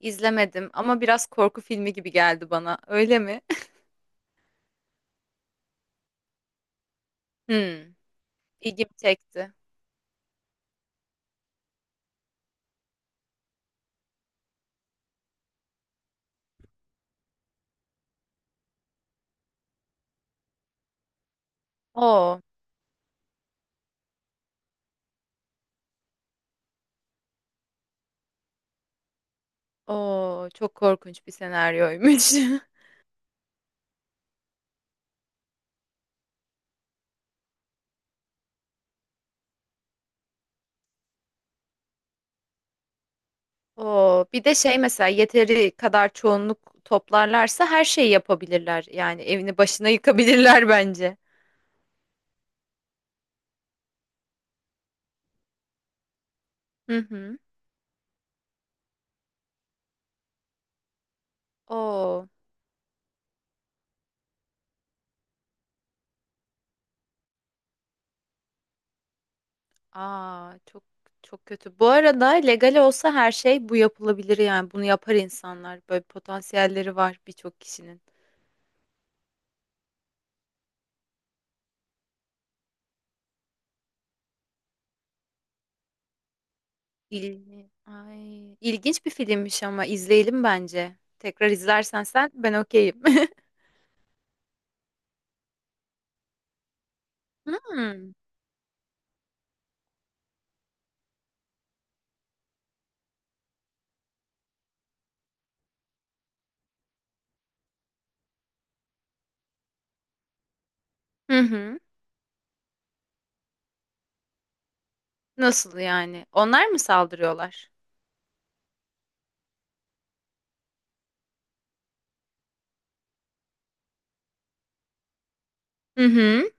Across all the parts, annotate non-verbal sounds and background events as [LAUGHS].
İzlemedim ama biraz korku filmi gibi geldi bana. Öyle mi? [LAUGHS] Hmm, ilgimi çekti. Oo, oo, çok korkunç bir senaryoymuş. [LAUGHS] Oo, bir de şey mesela yeteri kadar çoğunluk toplarlarsa her şeyi yapabilirler. Yani evini başına yıkabilirler [LAUGHS] bence. Hı hı. Oo, aa, çok çok kötü. Bu arada legal olsa her şey bu yapılabilir yani bunu yapar insanlar. Böyle potansiyelleri var birçok kişinin. İl... Ay, ilginç bir filmmiş ama izleyelim bence. Tekrar izlersen sen ben okeyim. [LAUGHS] Hmm. Hı hı. Nasıl yani? Onlar mı saldırıyorlar? Hı hı.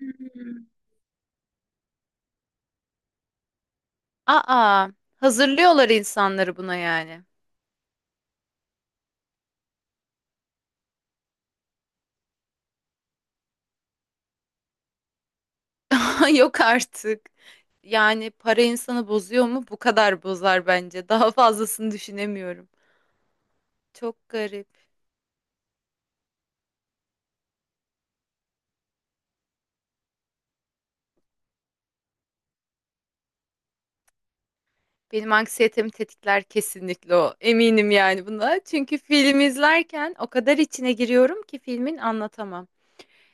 Hmm. Aa, hazırlıyorlar insanları buna yani. [LAUGHS] Yok artık. Yani para insanı bozuyor mu? Bu kadar bozar bence. Daha fazlasını düşünemiyorum. Çok garip. Benim anksiyetemi tetikler kesinlikle o. Eminim yani buna. Çünkü film izlerken o kadar içine giriyorum ki filmin anlatamam.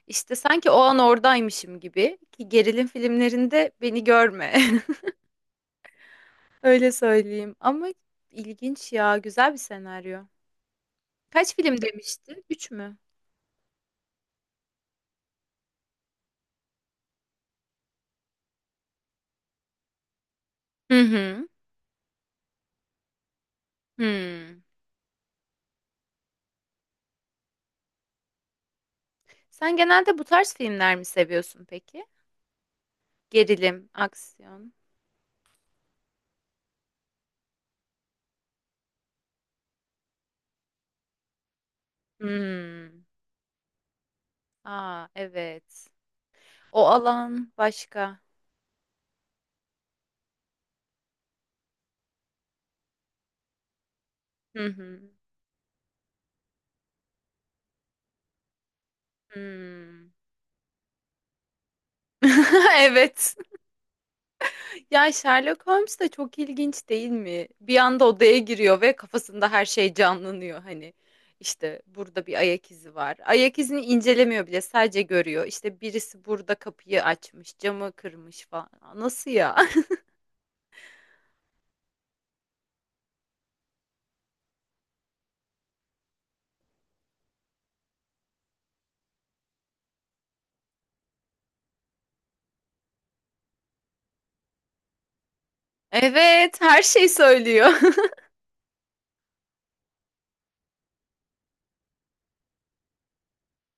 İşte sanki o an oradaymışım gibi ki gerilim filmlerinde beni görme. [LAUGHS] Öyle söyleyeyim. Ama ilginç ya, güzel bir senaryo. Kaç film demiştin? Üç mü? Hı hı. Hmm. Sen genelde bu tarz filmler mi seviyorsun peki? Gerilim, aksiyon. Hmm. Aa, evet. O alan başka. Hı hı. Hmm. [LAUGHS] Evet. Ya Sherlock Holmes de çok ilginç değil mi? Bir anda odaya giriyor ve kafasında her şey canlanıyor. Hani işte burada bir ayak izi var. Ayak izini incelemiyor bile, sadece görüyor. İşte birisi burada kapıyı açmış, camı kırmış falan. Nasıl ya? [LAUGHS] Evet, her şey söylüyor.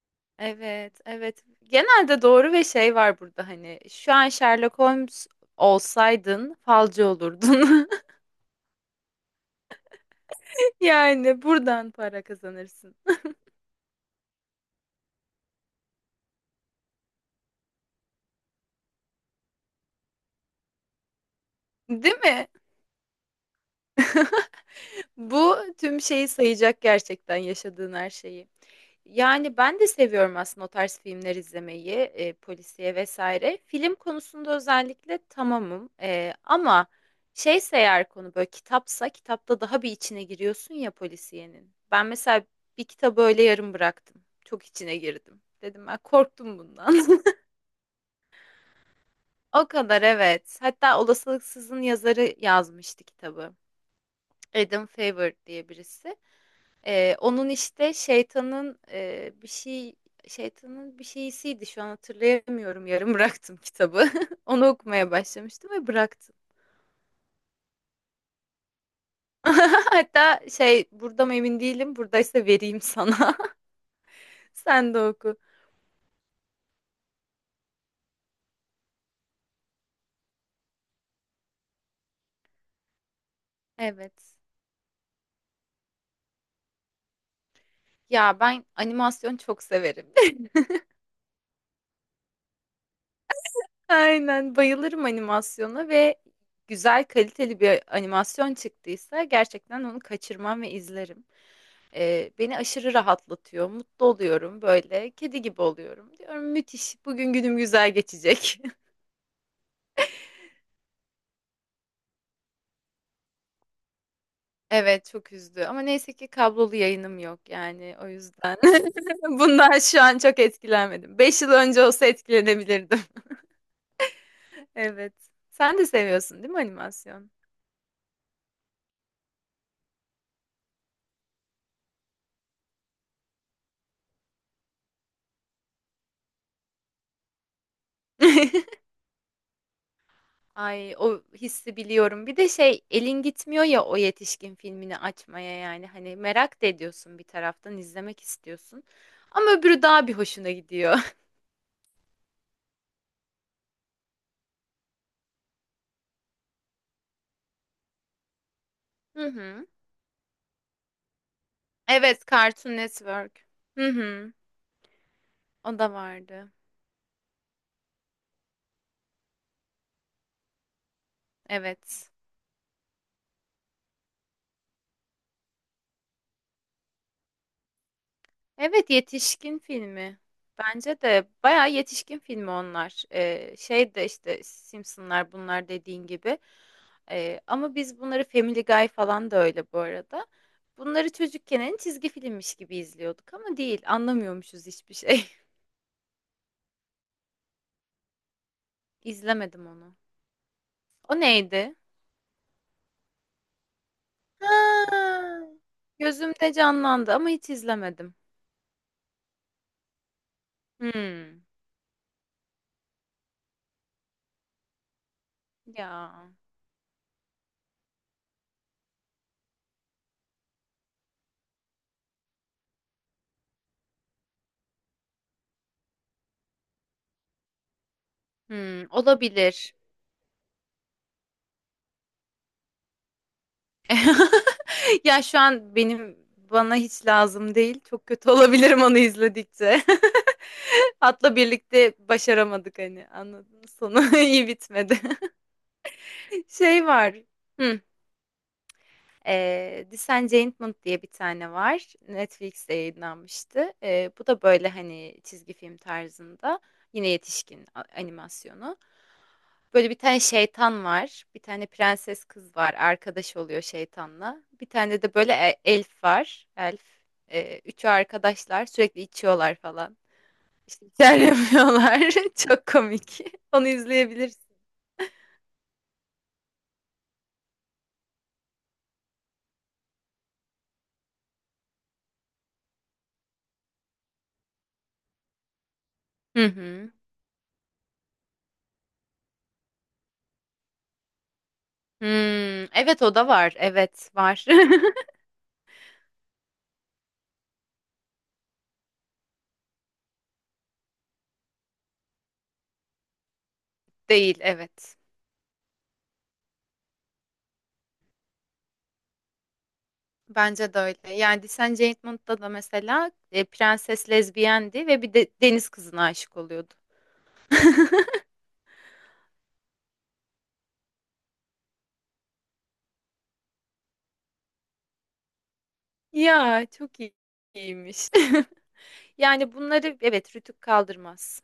[LAUGHS] Evet, evet. Genelde doğru ve şey var burada hani şu an Sherlock Holmes olsaydın falcı olurdun. [LAUGHS] Yani buradan para kazanırsın. Değil mi? Bu tüm şeyi sayacak gerçekten yaşadığın her şeyi. Yani ben de seviyorum aslında o tarz filmler izlemeyi, polisiye vesaire. Film konusunda özellikle tamamım. Ama şeyse eğer konu böyle kitapsa kitapta daha bir içine giriyorsun ya polisiyenin. Ben mesela bir kitabı öyle yarım bıraktım. Çok içine girdim. Dedim ben korktum bundan. [LAUGHS] O kadar evet. Hatta Olasılıksız'ın yazarı yazmıştı kitabı. Adam Favor diye birisi. Onun işte şeytanın, bir şey şeytanın bir şeysiydi şu an hatırlayamıyorum yarım bıraktım kitabı. [LAUGHS] Onu okumaya başlamıştım ve bıraktım. [LAUGHS] Hatta şey burada mı emin değilim buradaysa vereyim sana. [LAUGHS] Sen de oku. Evet. Ya ben animasyon çok severim. [LAUGHS] Aynen bayılırım animasyona ve güzel kaliteli bir animasyon çıktıysa gerçekten onu kaçırmam ve izlerim. Beni aşırı rahatlatıyor, mutlu oluyorum böyle, kedi gibi oluyorum. Diyorum müthiş, bugün günüm güzel geçecek. [LAUGHS] Evet, çok üzdü ama neyse ki kablolu yayınım yok yani o yüzden. [LAUGHS] Bundan şu an çok etkilenmedim. 5 yıl önce olsa etkilenebilirdim. [LAUGHS] Evet. Sen de seviyorsun değil mi animasyon? [LAUGHS] Ay o hissi biliyorum. Bir de şey elin gitmiyor ya o yetişkin filmini açmaya yani hani merak da ediyorsun bir taraftan izlemek istiyorsun. Ama öbürü daha bir hoşuna gidiyor. Hı hı. Evet, Cartoon Network. Hı hı. O da vardı. Evet. Evet, yetişkin filmi. Bence de bayağı yetişkin filmi onlar. Şey de işte Simpsonlar bunlar dediğin gibi. Ama biz bunları Family Guy falan da öyle bu arada. Bunları çocukken en çizgi filmmiş gibi izliyorduk ama değil. Anlamıyormuşuz hiçbir şey. [LAUGHS] İzlemedim onu. O neydi? Ha, gözümde canlandı ama hiç izlemedim. Hmm. Ya. Hmm, olabilir. [LAUGHS] Ya şu an benim bana hiç lazım değil. Çok kötü [LAUGHS] olabilirim onu izledikçe. [LAUGHS] Hatta birlikte başaramadık hani anladın mı? Sonu [LAUGHS] iyi bitmedi. [LAUGHS] Şey var. Hı. Disenchantment diye bir tane var. Netflix'te yayınlanmıştı. Bu da böyle hani çizgi film tarzında. Yine yetişkin animasyonu. Böyle bir tane şeytan var. Bir tane prenses kız var. Arkadaş oluyor şeytanla. Bir tane de böyle elf var. Elf. Üçü arkadaşlar. Sürekli içiyorlar falan. İşte içer yapıyorlar. [LAUGHS] Çok komik. Onu izleyebilirsin. Hı hı. Hmm, evet o da var. Evet var. [LAUGHS] Değil evet. Bence de öyle. Yani Descent Judgment'ta da mesela prenses lezbiyendi ve bir de deniz kızına aşık oluyordu. Ya çok iyi- iyiymiş. [LAUGHS] Yani bunları evet Rütük kaldırmaz.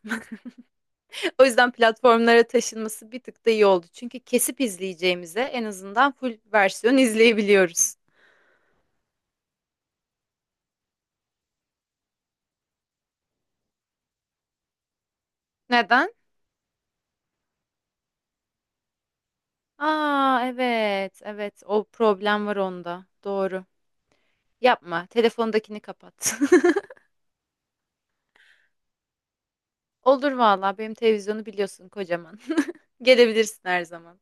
[LAUGHS] O yüzden platformlara taşınması bir tık da iyi oldu. Çünkü kesip izleyeceğimize en azından full versiyon izleyebiliyoruz. Neden? Aa evet evet o problem var onda. Doğru. Yapma. Telefondakini kapat. [LAUGHS] Olur valla benim televizyonu biliyorsun kocaman. [LAUGHS] Gelebilirsin her zaman.